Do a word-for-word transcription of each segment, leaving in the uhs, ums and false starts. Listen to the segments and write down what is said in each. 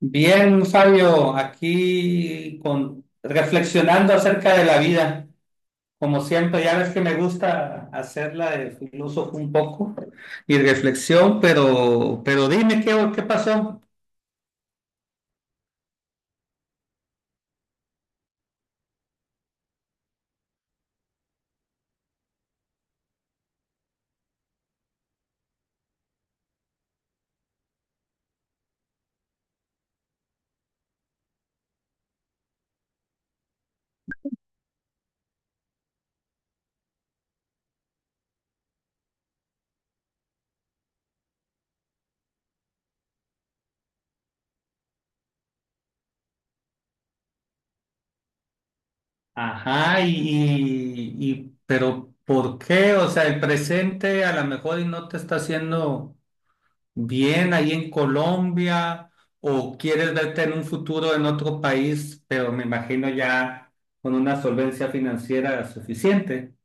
Bien, Fabio, aquí con, reflexionando acerca de la vida. Como siempre, ya ves que me gusta hacerla de filósofo un poco y reflexión, pero, pero dime qué, qué pasó. Ajá, y, y, y- pero ¿por qué? O sea, el presente a lo mejor y no te está haciendo bien ahí en Colombia, o quieres verte en un futuro en otro país, pero me imagino ya con una solvencia financiera suficiente,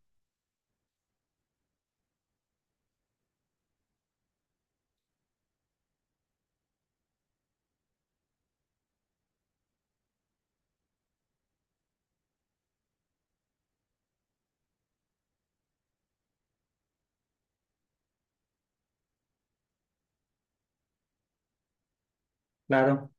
claro.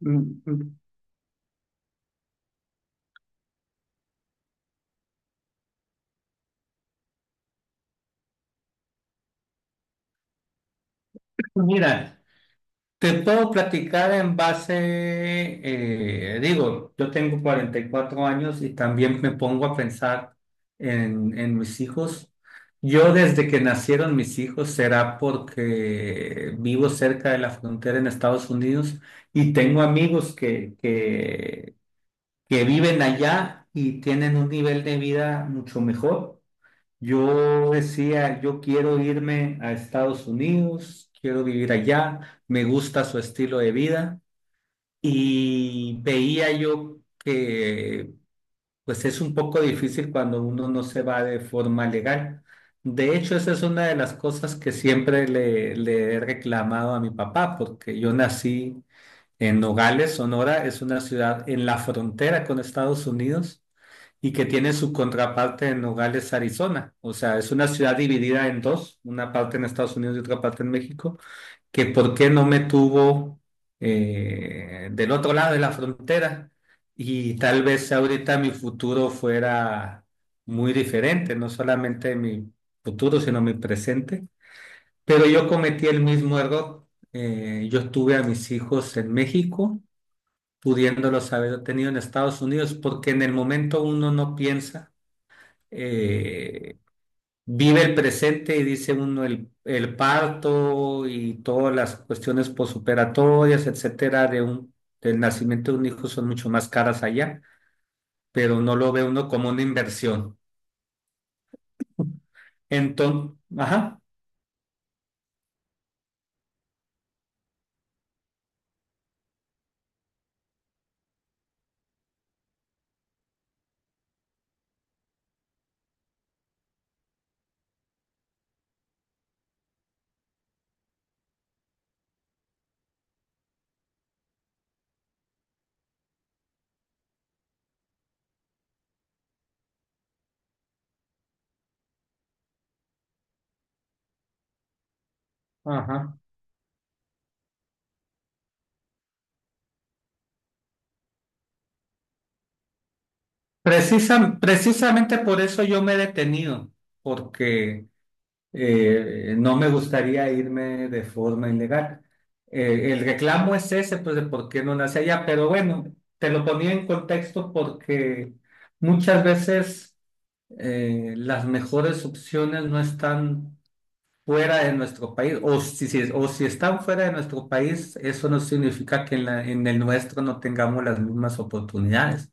Mm, mm. Mira. Te puedo platicar en base, eh, digo, yo tengo cuarenta y cuatro años y también me pongo a pensar en, en mis hijos. Yo desde que nacieron mis hijos, será porque vivo cerca de la frontera en Estados Unidos y tengo amigos que, que, que viven allá y tienen un nivel de vida mucho mejor. Yo decía, yo quiero irme a Estados Unidos, quiero vivir allá, me gusta su estilo de vida y veía yo que pues es un poco difícil cuando uno no se va de forma legal. De hecho, esa es una de las cosas que siempre le, le he reclamado a mi papá, porque yo nací en Nogales, Sonora. Es una ciudad en la frontera con Estados Unidos y que tiene su contraparte en Nogales, Arizona. O sea, es una ciudad dividida en dos, una parte en Estados Unidos y otra parte en México, que por qué no me tuvo eh, del otro lado de la frontera y tal vez ahorita mi futuro fuera muy diferente, no solamente mi futuro, sino mi presente. Pero yo cometí el mismo error. Eh, yo tuve a mis hijos en México, pudiéndolos haber tenido en Estados Unidos, porque en el momento uno no piensa, eh, vive el presente y dice uno el, el parto y todas las cuestiones posoperatorias, etcétera, de un, del nacimiento de un hijo son mucho más caras allá, pero no lo ve uno como una inversión. Entonces, ajá, ajá. Precisa- precisamente por eso yo me he detenido, porque eh, no me gustaría irme de forma ilegal. Eh, el reclamo es ese, pues de por qué no nace allá, pero bueno, te lo ponía en contexto porque muchas veces eh, las mejores opciones no están fuera de nuestro país, o si, si- o si están fuera de nuestro país, eso no significa que en la- en el nuestro no tengamos las mismas oportunidades.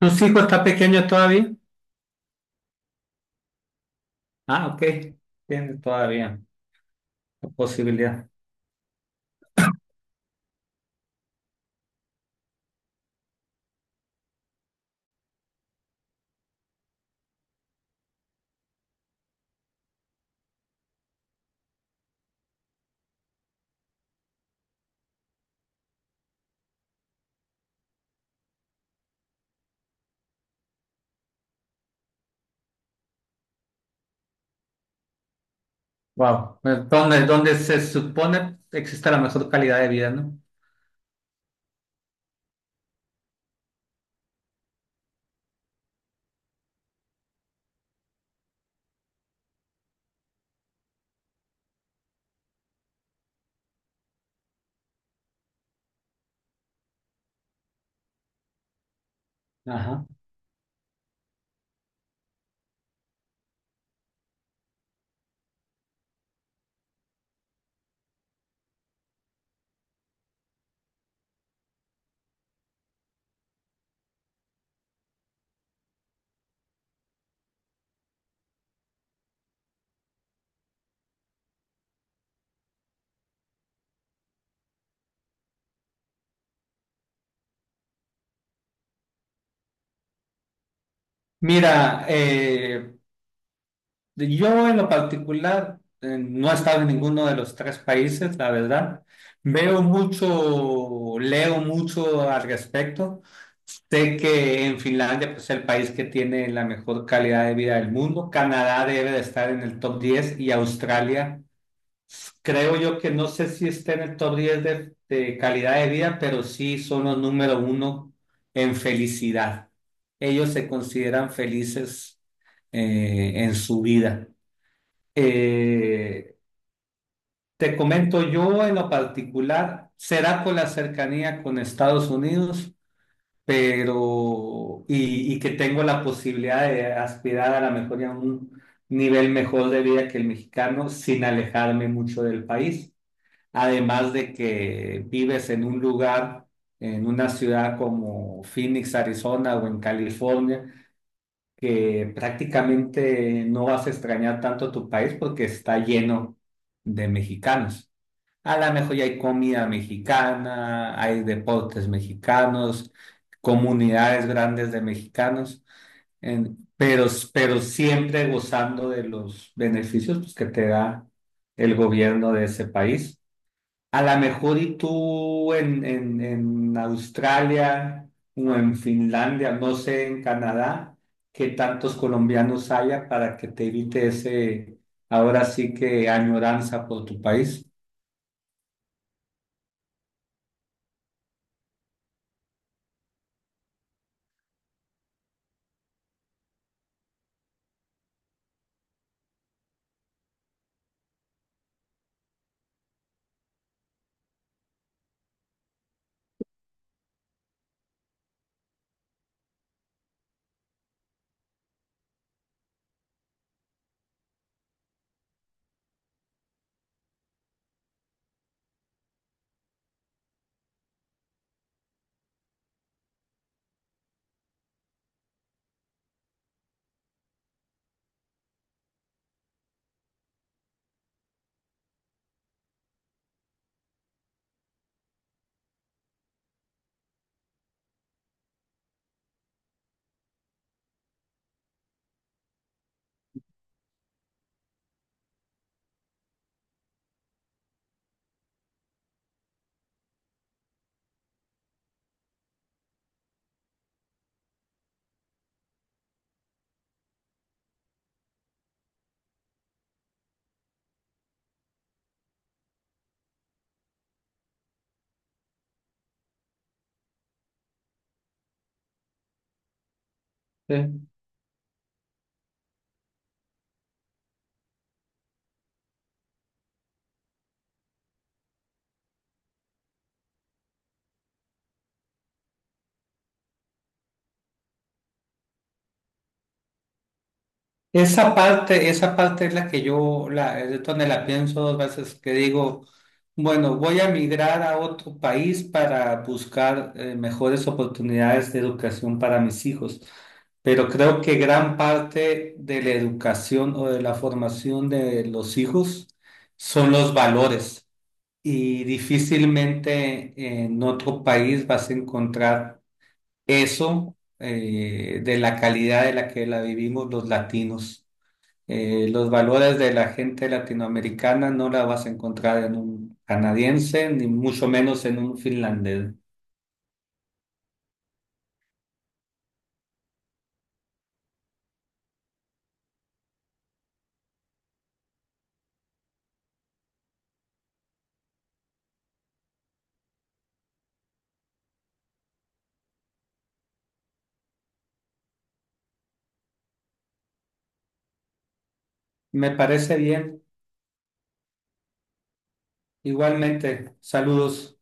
¿Tu hijo está pequeño todavía? Ah, ok, tiene todavía la posibilidad. Wow, donde, donde se supone existe la mejor calidad de vida, ¿no? Ajá. Mira, eh, yo en lo particular, eh, no he estado en ninguno de los tres países, la verdad. Veo mucho, leo mucho al respecto. Sé que en Finlandia pues, es el país que tiene la mejor calidad de vida del mundo. Canadá debe de estar en el top diez y Australia, creo yo que no sé si está en el top diez de, de calidad de vida, pero sí son los número uno en felicidad. Ellos se consideran felices eh, en su vida. Eh, Te comento, yo en lo particular, será por la cercanía con Estados Unidos, pero y, y que tengo la posibilidad de aspirar a la mejor y a un nivel mejor de vida que el mexicano sin alejarme mucho del país. Además de que vives en un lugar, en una ciudad como Phoenix, Arizona o en California, que prácticamente no vas a extrañar tanto tu país porque está lleno de mexicanos. A lo mejor ya hay comida mexicana, hay deportes mexicanos, comunidades grandes de mexicanos, en- pero, pero siempre gozando de los beneficios pues, que te da el gobierno de ese país. A lo mejor y tú en, en, en Australia o en Finlandia, no sé, en Canadá, qué tantos colombianos haya para que te evite ese, ahora sí que añoranza por tu país. Sí. Esa parte, esa parte es la que yo, la, es donde la pienso dos veces, que digo, bueno, voy a migrar a otro país para buscar, eh, mejores oportunidades de educación para mis hijos, pero creo que gran parte de la educación o de la formación de los hijos son los valores y difícilmente en otro país vas a encontrar eso, eh, de la calidad de la que la vivimos los latinos. Eh, los valores de la gente latinoamericana no la vas a encontrar en un canadiense, ni mucho menos en un finlandés. Me parece bien. Igualmente, saludos.